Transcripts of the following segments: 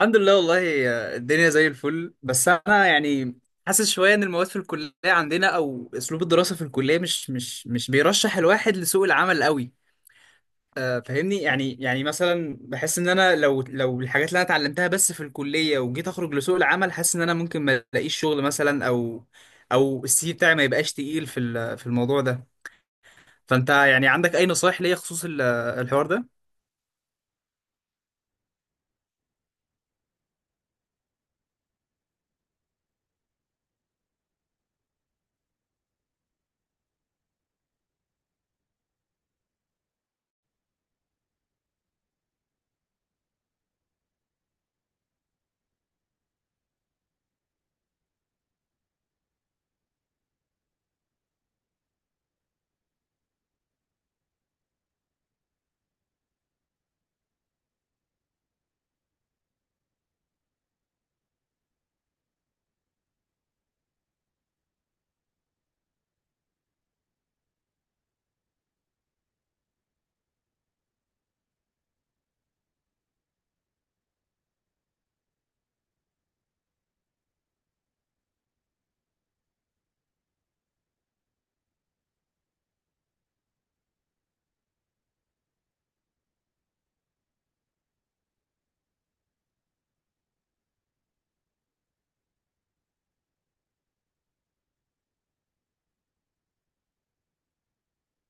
الحمد لله والله. الدنيا زي الفل، بس انا يعني حاسس شويه ان المواد في الكليه عندنا او اسلوب الدراسه في الكليه مش بيرشح الواحد لسوق العمل قوي. فاهمني يعني. مثلا بحس ان انا لو الحاجات اللي انا اتعلمتها بس في الكليه وجيت اخرج لسوق العمل، حاسس ان انا ممكن ما الاقيش شغل مثلا، او او السي في بتاعي ما يبقاش تقيل في في الموضوع ده. فانت يعني عندك اي نصايح ليا خصوص الحوار ده؟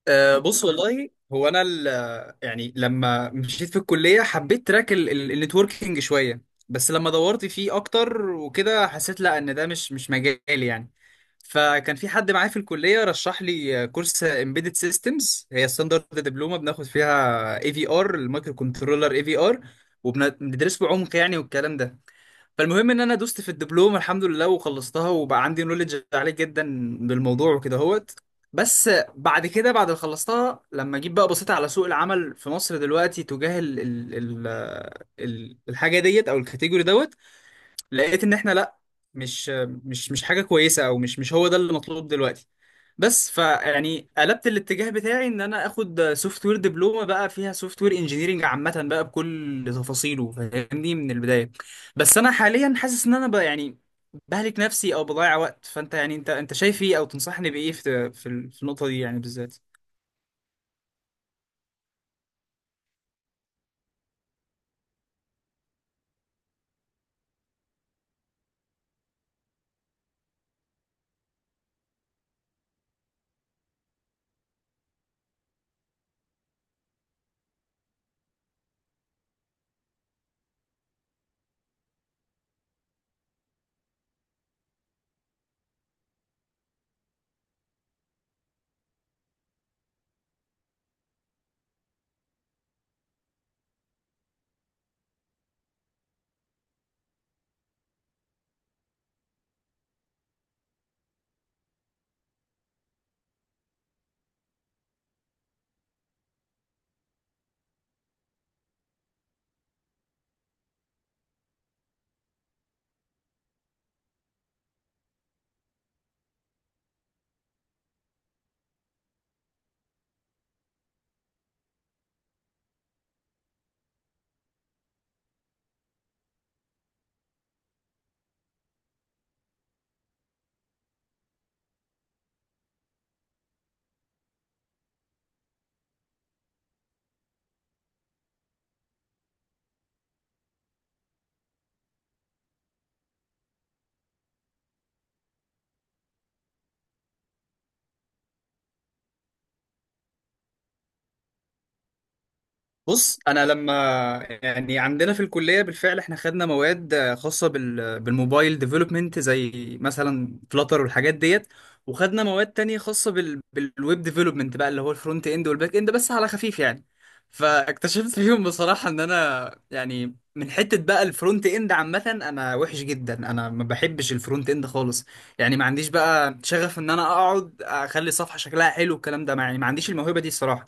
أه، بص والله هو انا يعني لما مشيت في الكليه حبيت تراك النتوركينج شويه، بس لما دورت فيه اكتر وكده حسيت لا، ان ده مش مجالي يعني. فكان في حد معايا في الكليه رشح لي كورس امبيدد سيستمز، هي ستاندرد دبلومه بناخد فيها اي في ار المايكرو كنترولر اي في ار، وبندرسه بعمق يعني والكلام ده. فالمهم ان انا دوست في الدبلوم الحمد لله وخلصتها، وبقى عندي نولج عالي جدا بالموضوع وكده هوت. بس بعد كده، بعد ما خلصتها لما جيت بقى بصيت على سوق العمل في مصر دلوقتي تجاه ال ال الحاجه ديت او الكاتيجوري دوت، لقيت ان احنا لا، مش مش حاجه كويسه، او مش هو ده اللي مطلوب دلوقتي. بس فيعني قلبت الاتجاه بتاعي ان انا اخد سوفت وير دبلومه بقى، فيها سوفت وير انجينيرنج عامه بقى بكل تفاصيله فاهمني من البدايه. بس انا حاليا حاسس ان انا بقى يعني بهلك نفسي او بضيع وقت. فانت يعني انت شايف ايه، او تنصحني بايه في في النقطه دي يعني بالذات؟ بص، انا لما يعني عندنا في الكليه بالفعل احنا خدنا مواد خاصه بال بالموبايل ديفلوبمنت، زي مثلا فلاتر والحاجات ديت، وخدنا مواد تانية خاصه بال بالويب ديفلوبمنت بقى، اللي هو الفرونت اند والباك اند بس على خفيف يعني. فاكتشفت فيهم بصراحه ان انا يعني من حته بقى الفرونت اند عامه، انا وحش جدا، انا ما بحبش الفرونت اند خالص يعني. ما عنديش بقى شغف ان انا اقعد اخلي الصفحه شكلها حلو الكلام ده يعني، ما عنديش الموهبه دي الصراحه.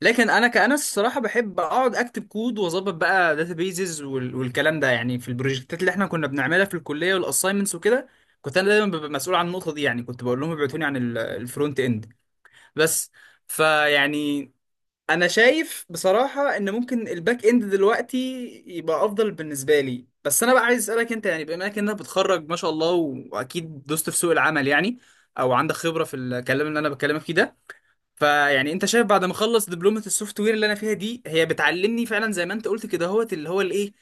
لكن انا كأنس الصراحه بحب اقعد اكتب كود واظبط بقى داتابيزز والكلام ده يعني. في البروجكتات اللي احنا كنا بنعملها في الكليه والاساينمنتس وكده، كنت انا دايما ببقى مسؤول عن النقطه دي يعني. كنت بقول لهم ابعتوني عن الفرونت اند بس. فيعني انا شايف بصراحه ان ممكن الباك اند دلوقتي يبقى افضل بالنسبه لي. بس انا بقى عايز اسالك انت، يعني بما انك انت بتخرج ما شاء الله واكيد دوست في سوق العمل يعني، او عندك خبره في الكلام اللي انا بكلمك فيه ده. فيعني انت شايف بعد ما اخلص دبلومه السوفت وير اللي انا فيها دي، هي بتعلمني فعلا زي ما انت قلت كده هوت، اللي هو الايه،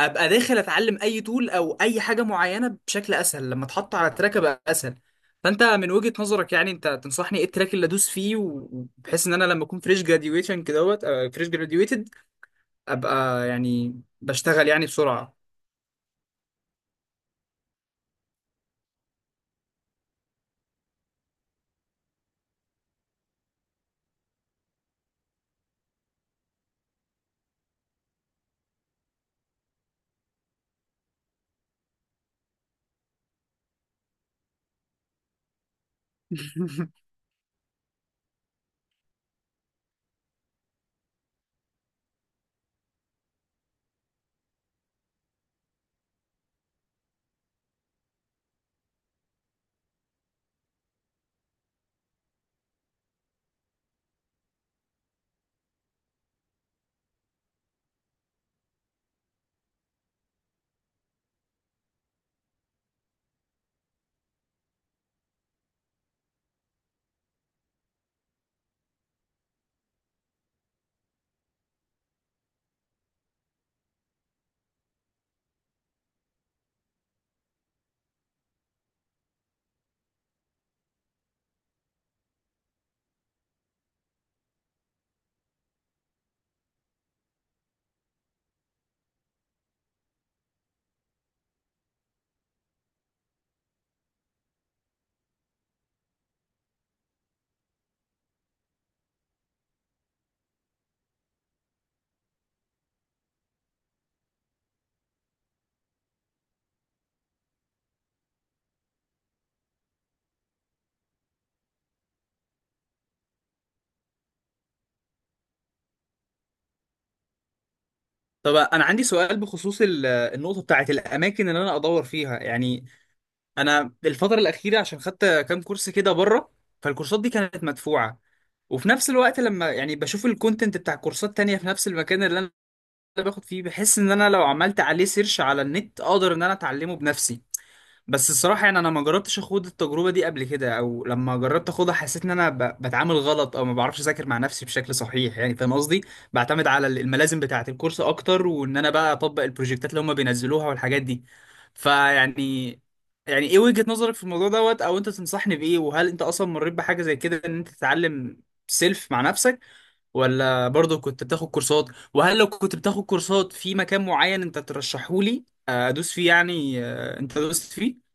ابقى داخل اتعلم اي تول او اي حاجه معينه بشكل اسهل لما اتحط على التراك ابقى اسهل؟ فانت من وجهه نظرك يعني انت تنصحني ايه التراك اللي ادوس فيه، وبحيث ان انا لما اكون فريش جراديويشن كده هوت، فريش جراديويتد، ابقى يعني بشتغل يعني بسرعه. طب انا عندي سؤال بخصوص النقطه بتاعت الاماكن اللي انا ادور فيها يعني. انا الفتره الاخيره عشان خدت كام كورس كده بره، فالكورسات دي كانت مدفوعه، وفي نفس الوقت لما يعني بشوف الكونتنت بتاع كورسات تانية في نفس المكان اللي انا باخد فيه، بحس ان انا لو عملت عليه سيرش على النت اقدر ان انا اتعلمه بنفسي. بس الصراحة يعني أنا ما جربتش أخوض التجربة دي قبل كده، أو لما جربت أخوضها حسيت إن أنا بتعامل غلط أو ما بعرفش أذاكر مع نفسي بشكل صحيح يعني، فاهم قصدي؟ بعتمد على الملازم بتاعة الكورس أكتر، وإن أنا بقى أطبق البروجكتات اللي هما بينزلوها والحاجات دي. فيعني يعني إيه وجهة نظرك في الموضوع دوت؟ أو أنت تنصحني بإيه؟ وهل أنت أصلا مريت بحاجة زي كده، إن أنت تتعلم سيلف مع نفسك، ولا برضه كنت بتاخد كورسات؟ وهل لو كنت بتاخد كورسات في مكان معين أنت ترشحهولي أدوس فيه يعني أنت دوست فيه؟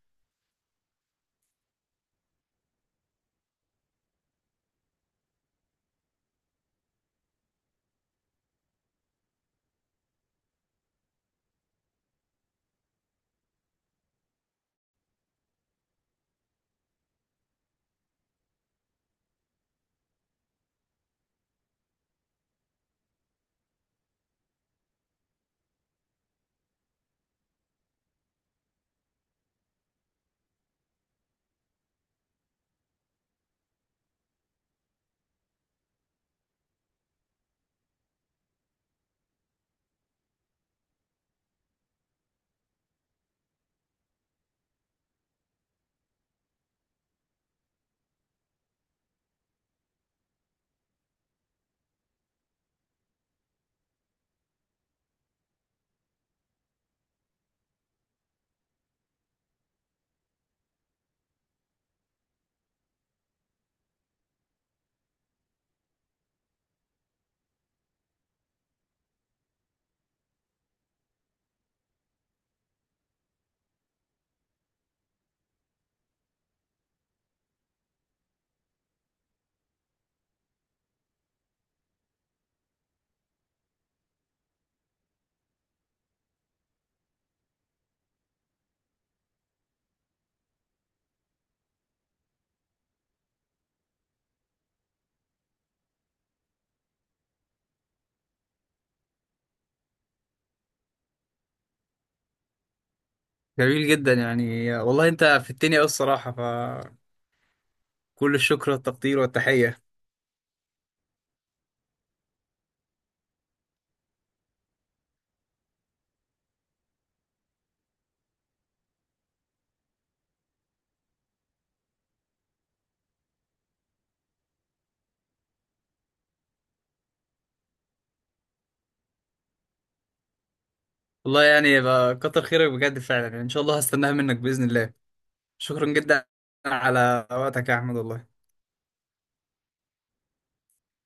جميل جدا يعني والله، انت في الدنيا أوي الصراحة، فكل الشكر والتقدير والتحية. والله يعني يبقى كتر خيرك بجد فعلا يعني، ان شاء الله هستناها منك بإذن الله. شكرا جدا على وقتك يا احمد والله.